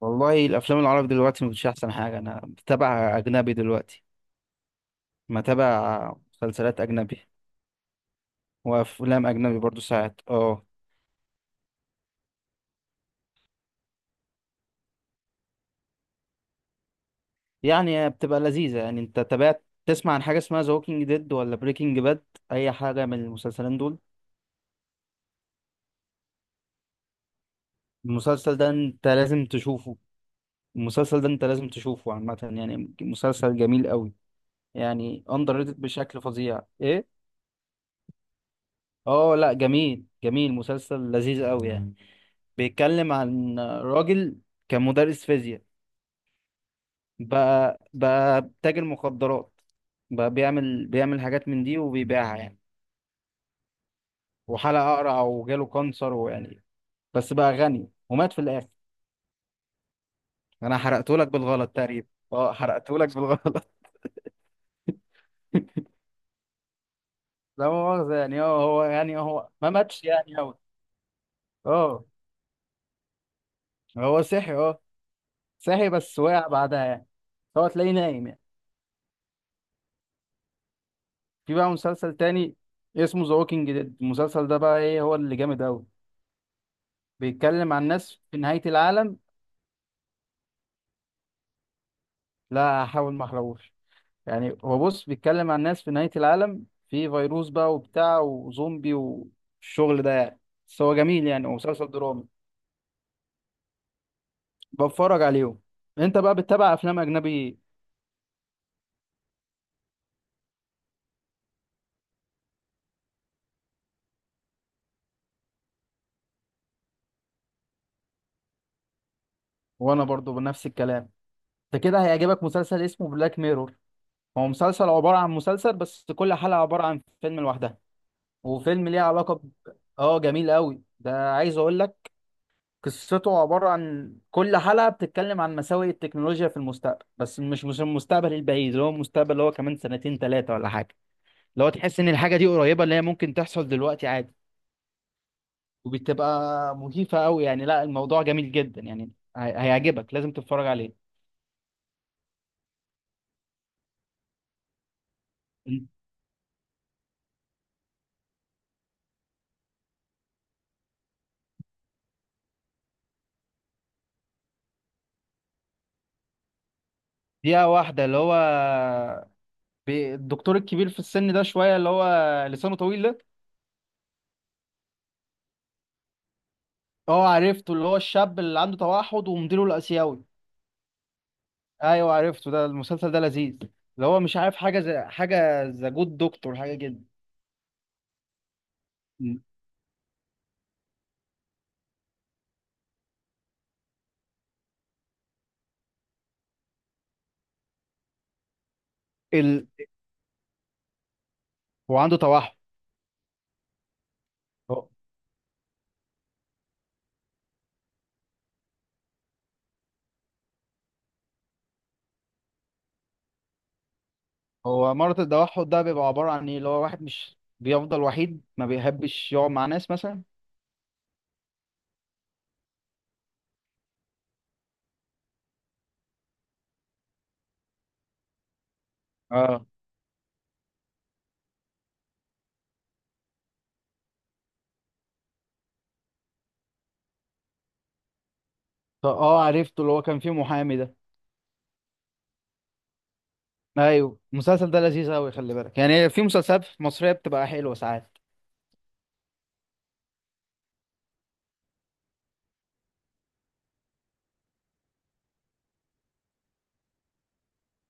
والله الافلام العربي دلوقتي مش احسن حاجه، انا بتابع اجنبي دلوقتي. ما تابع مسلسلات اجنبي وافلام اجنبي برضو ساعات اه، يعني بتبقى لذيذه. يعني انت تابعت تسمع عن حاجه اسمها ذا ووكينج ديد ولا بريكنج باد، اي حاجه من المسلسلين دول. المسلسل ده انت لازم تشوفه. المسلسل ده انت لازم تشوفه عامه، يعني مسلسل جميل قوي. يعني اندر ريتد بشكل فظيع ايه. اه لا، جميل جميل مسلسل لذيذ قوي يعني. بيتكلم عن راجل كان مدرس فيزياء، بقى تاجر مخدرات. بقى بيعمل حاجات من دي وبيبيعها يعني. وحلق اقرع وجاله كانسر ويعني بس بقى غني ومات في الاخر. انا حرقته لك بالغلط تقريبا. اه حرقته لك بالغلط. لا مؤاخذة يعني، هو ما ماتش يعني أوي. اه، هو صحي اه. صحي بس وقع بعدها يعني. هو تلاقيه نايم يعني. في بقى مسلسل تاني اسمه ذا ووكينج ديد. المسلسل ده بقى ايه؟ هو اللي جامد أوي. بيتكلم عن ناس في نهاية العالم. لا، هحاول ما احرقوش. يعني هو بص بيتكلم عن ناس في نهاية العالم، في فيروس بقى وبتاع وزومبي والشغل ده يعني. بس هو جميل يعني، ومسلسل درامي. بتفرج عليهم. انت بقى بتتابع افلام اجنبي إيه؟ وانا برضو بنفس الكلام. انت كده هيعجبك مسلسل اسمه بلاك ميرور. هو مسلسل عبارة عن مسلسل بس كل حلقة عبارة عن فيلم لوحدها، وفيلم ليه علاقة. اه جميل قوي ده، عايز اقول لك. قصته عبارة عن كل حلقة بتتكلم عن مساوئ التكنولوجيا في المستقبل، بس مش المستقبل البعيد، اللي هو المستقبل اللي هو كمان سنتين ثلاثة ولا حاجة. اللي هو تحس إن الحاجة دي قريبة، اللي هي ممكن تحصل دلوقتي عادي. وبتبقى مخيفة أوي يعني، لا الموضوع جميل جدا يعني. هيعجبك، لازم تتفرج عليه. دقيقة واحدة، اللي هو الدكتور الكبير في السن ده شوية، اللي هو لسانه طويل ده. اه عرفته، اللي هو الشاب اللي عنده توحد ومديره الآسيوي. ايوه عرفته، ده المسلسل ده لذيذ. اللي هو مش عارف حاجه زي حاجه ذا جود دكتور حاجه كده. م. ال... هو عنده توحد. هو هو مرض التوحد ده بيبقى عباره عن ايه؟ اللي هو واحد مش بيفضل وحيد، ما بيحبش يقعد مع ناس مثلا. اه. طب عرفته، اللي هو كان فيه محامي ده. ايوه، المسلسل ده لذيذ قوي، خلي بالك يعني في مسلسلات مصريه بتبقى حلوه ساعات.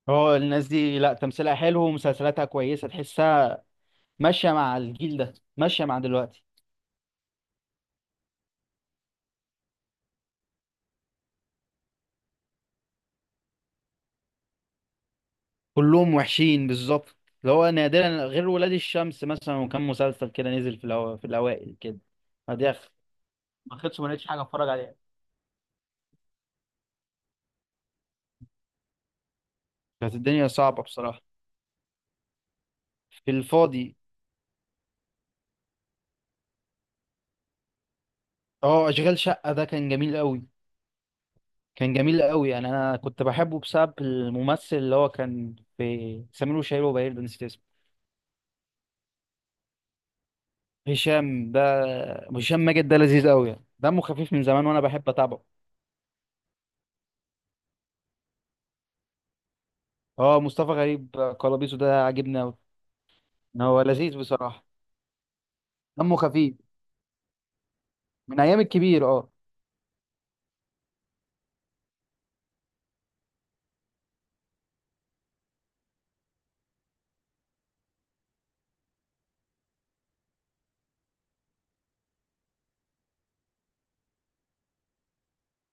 هو الناس دي لا، تمثيلها حلو ومسلسلاتها كويسه، تحسها ماشيه مع الجيل ده، ماشيه مع دلوقتي. كلهم وحشين بالظبط. اللي هو نادرا غير ولاد الشمس مثلا، وكان مسلسل كده نزل في الأوائل كده. بعديها ما خدش ما لقيتش حاجة اتفرج عليها. كانت الدنيا صعبة بصراحة. في الفاضي. اه أشغال شقة ده كان جميل قوي. كان جميل قوي يعني. أنا كنت بحبه بسبب الممثل اللي هو كان في سمير وشهير وبهير ده، نسيت اسمه. هشام ده. هشام ماجد ده لذيذ قوي يعني، دمه خفيف من زمان وأنا بحب أتابعه. اه، مصطفى غريب قلبيسه ده عاجبني قوي. هو لذيذ بصراحة. دمه خفيف. من ايام الكبير اه.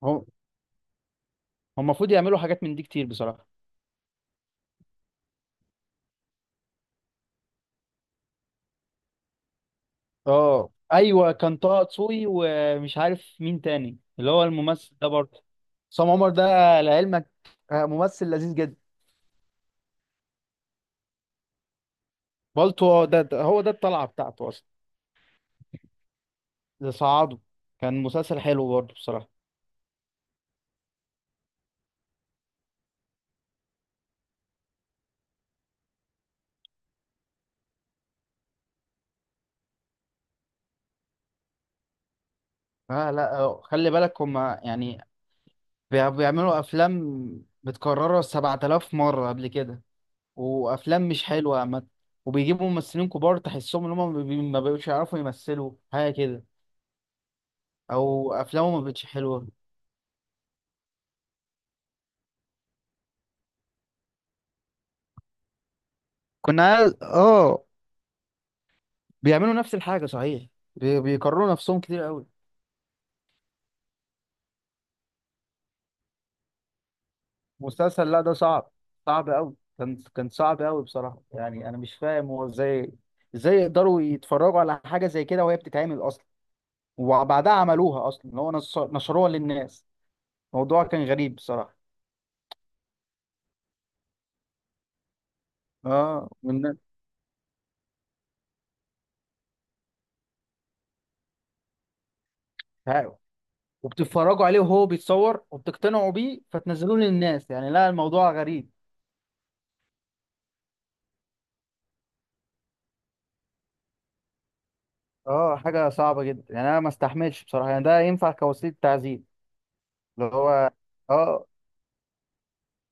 هم. هم المفروض يعملوا حاجات من دي كتير بصراحة. اه ايوه، كان طه دسوقي ومش عارف مين تاني، اللي هو الممثل ده برضه. عصام عمر ده، لعلمك، ممثل لذيذ جدا. بالطو ده هو ده الطلعة بتاعته أصلا. ده صعده. كان مسلسل حلو برضه بصراحة. اه لا، خلي بالك هما يعني بيعملوا افلام متكرره 7000 مره قبل كده. وافلام مش حلوه عامه. وبيجيبوا ممثلين كبار تحسهم ان هم ما بيبقوش يعرفوا يمثلوا حاجه كده، او افلامه ما بقتش حلوه. كنا عايز- اه بيعملوا نفس الحاجه صحيح. بيكرروا نفسهم كتير قوي. مسلسل، لا ده صعب. صعب قوي، كان صعب قوي بصراحة. يعني انا مش فاهم هو ازاي، يقدروا يتفرجوا على حاجة زي كده وهي بتتعمل اصلا. وبعدها عملوها اصلا، اللي هو نشروها للناس. الموضوع كان غريب بصراحة. اه والناس. ها- وبتتفرجوا عليه وهو بيتصور وبتقتنعوا بيه فتنزلوه للناس يعني، لا الموضوع غريب. اه حاجة صعبة جدا يعني. انا ما استحملش بصراحة، يعني ده ينفع كوسيلة تعذيب. اللي هو، اه،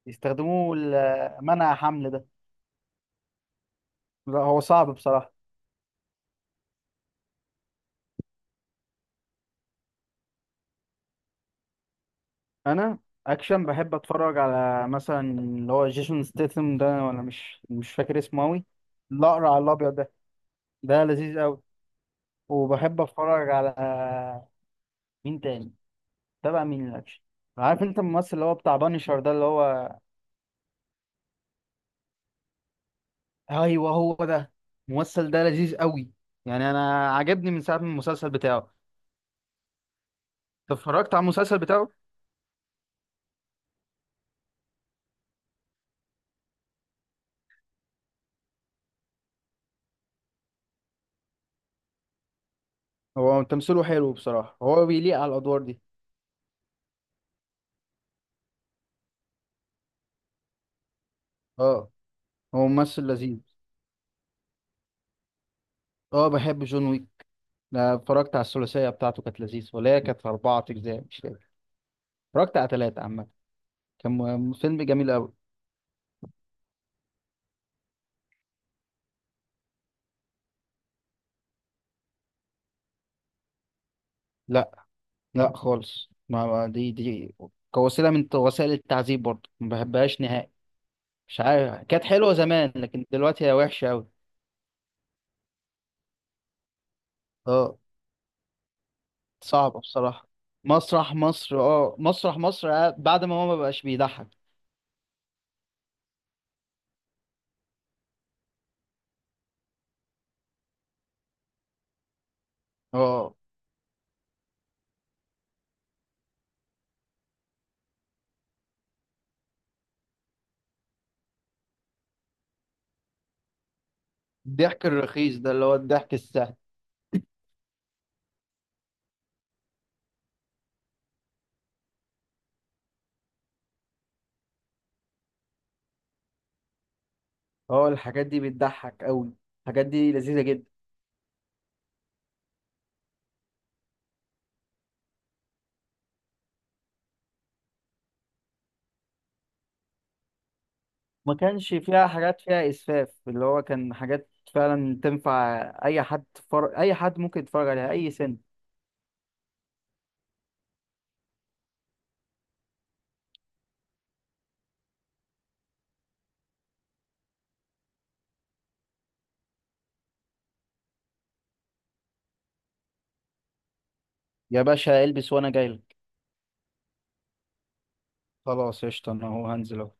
يستخدموه منع حمل ده. لا هو صعب بصراحة. انا اكشن بحب اتفرج على مثلا اللي هو جيسون ستيثم ده، ولا مش فاكر اسمه اوي. الاقرع على الابيض ده. ده لذيذ اوي. وبحب اتفرج على مين تاني، تابع مين الاكشن. عارف انت الممثل اللي هو بتاع بانيشر ده اللي هو؟ ايوه هو ده. الممثل ده لذيذ قوي. يعني انا عجبني من ساعه من المسلسل بتاعه. اتفرجت على المسلسل بتاعه. هو تمثيله حلو بصراحة، هو بيليق على الأدوار دي. اه هو ممثل لذيذ. اه بحب جون ويك. أنا اتفرجت على الثلاثية بتاعته، كانت لذيذة، ولا هي كانت أربعة أجزاء مش فاكر. اتفرجت على ثلاثة عامة. كان فيلم جميل أوي. لا لا خالص، دي كوسيلة من وسائل التعذيب برضه، ما بحبهاش نهائي. مش عارف كانت حلوة زمان لكن دلوقتي هي وحشة أوي. اه صعبة بصراحة. مسرح مصر، مسرح مصر، بعد ما هو ما بقاش بيضحك. اه الضحك الرخيص ده اللي هو الضحك السهل. اه الحاجات دي بتضحك قوي. الحاجات دي لذيذة جدا. ما كانش فيها حاجات فيها إسفاف، اللي هو كان حاجات فعلا تنفع أي حد. أي حد ممكن يتفرج عليها أي سن. يا باشا البس وأنا جايلك. خلاص قشطة، أنا هو هنزل أهو.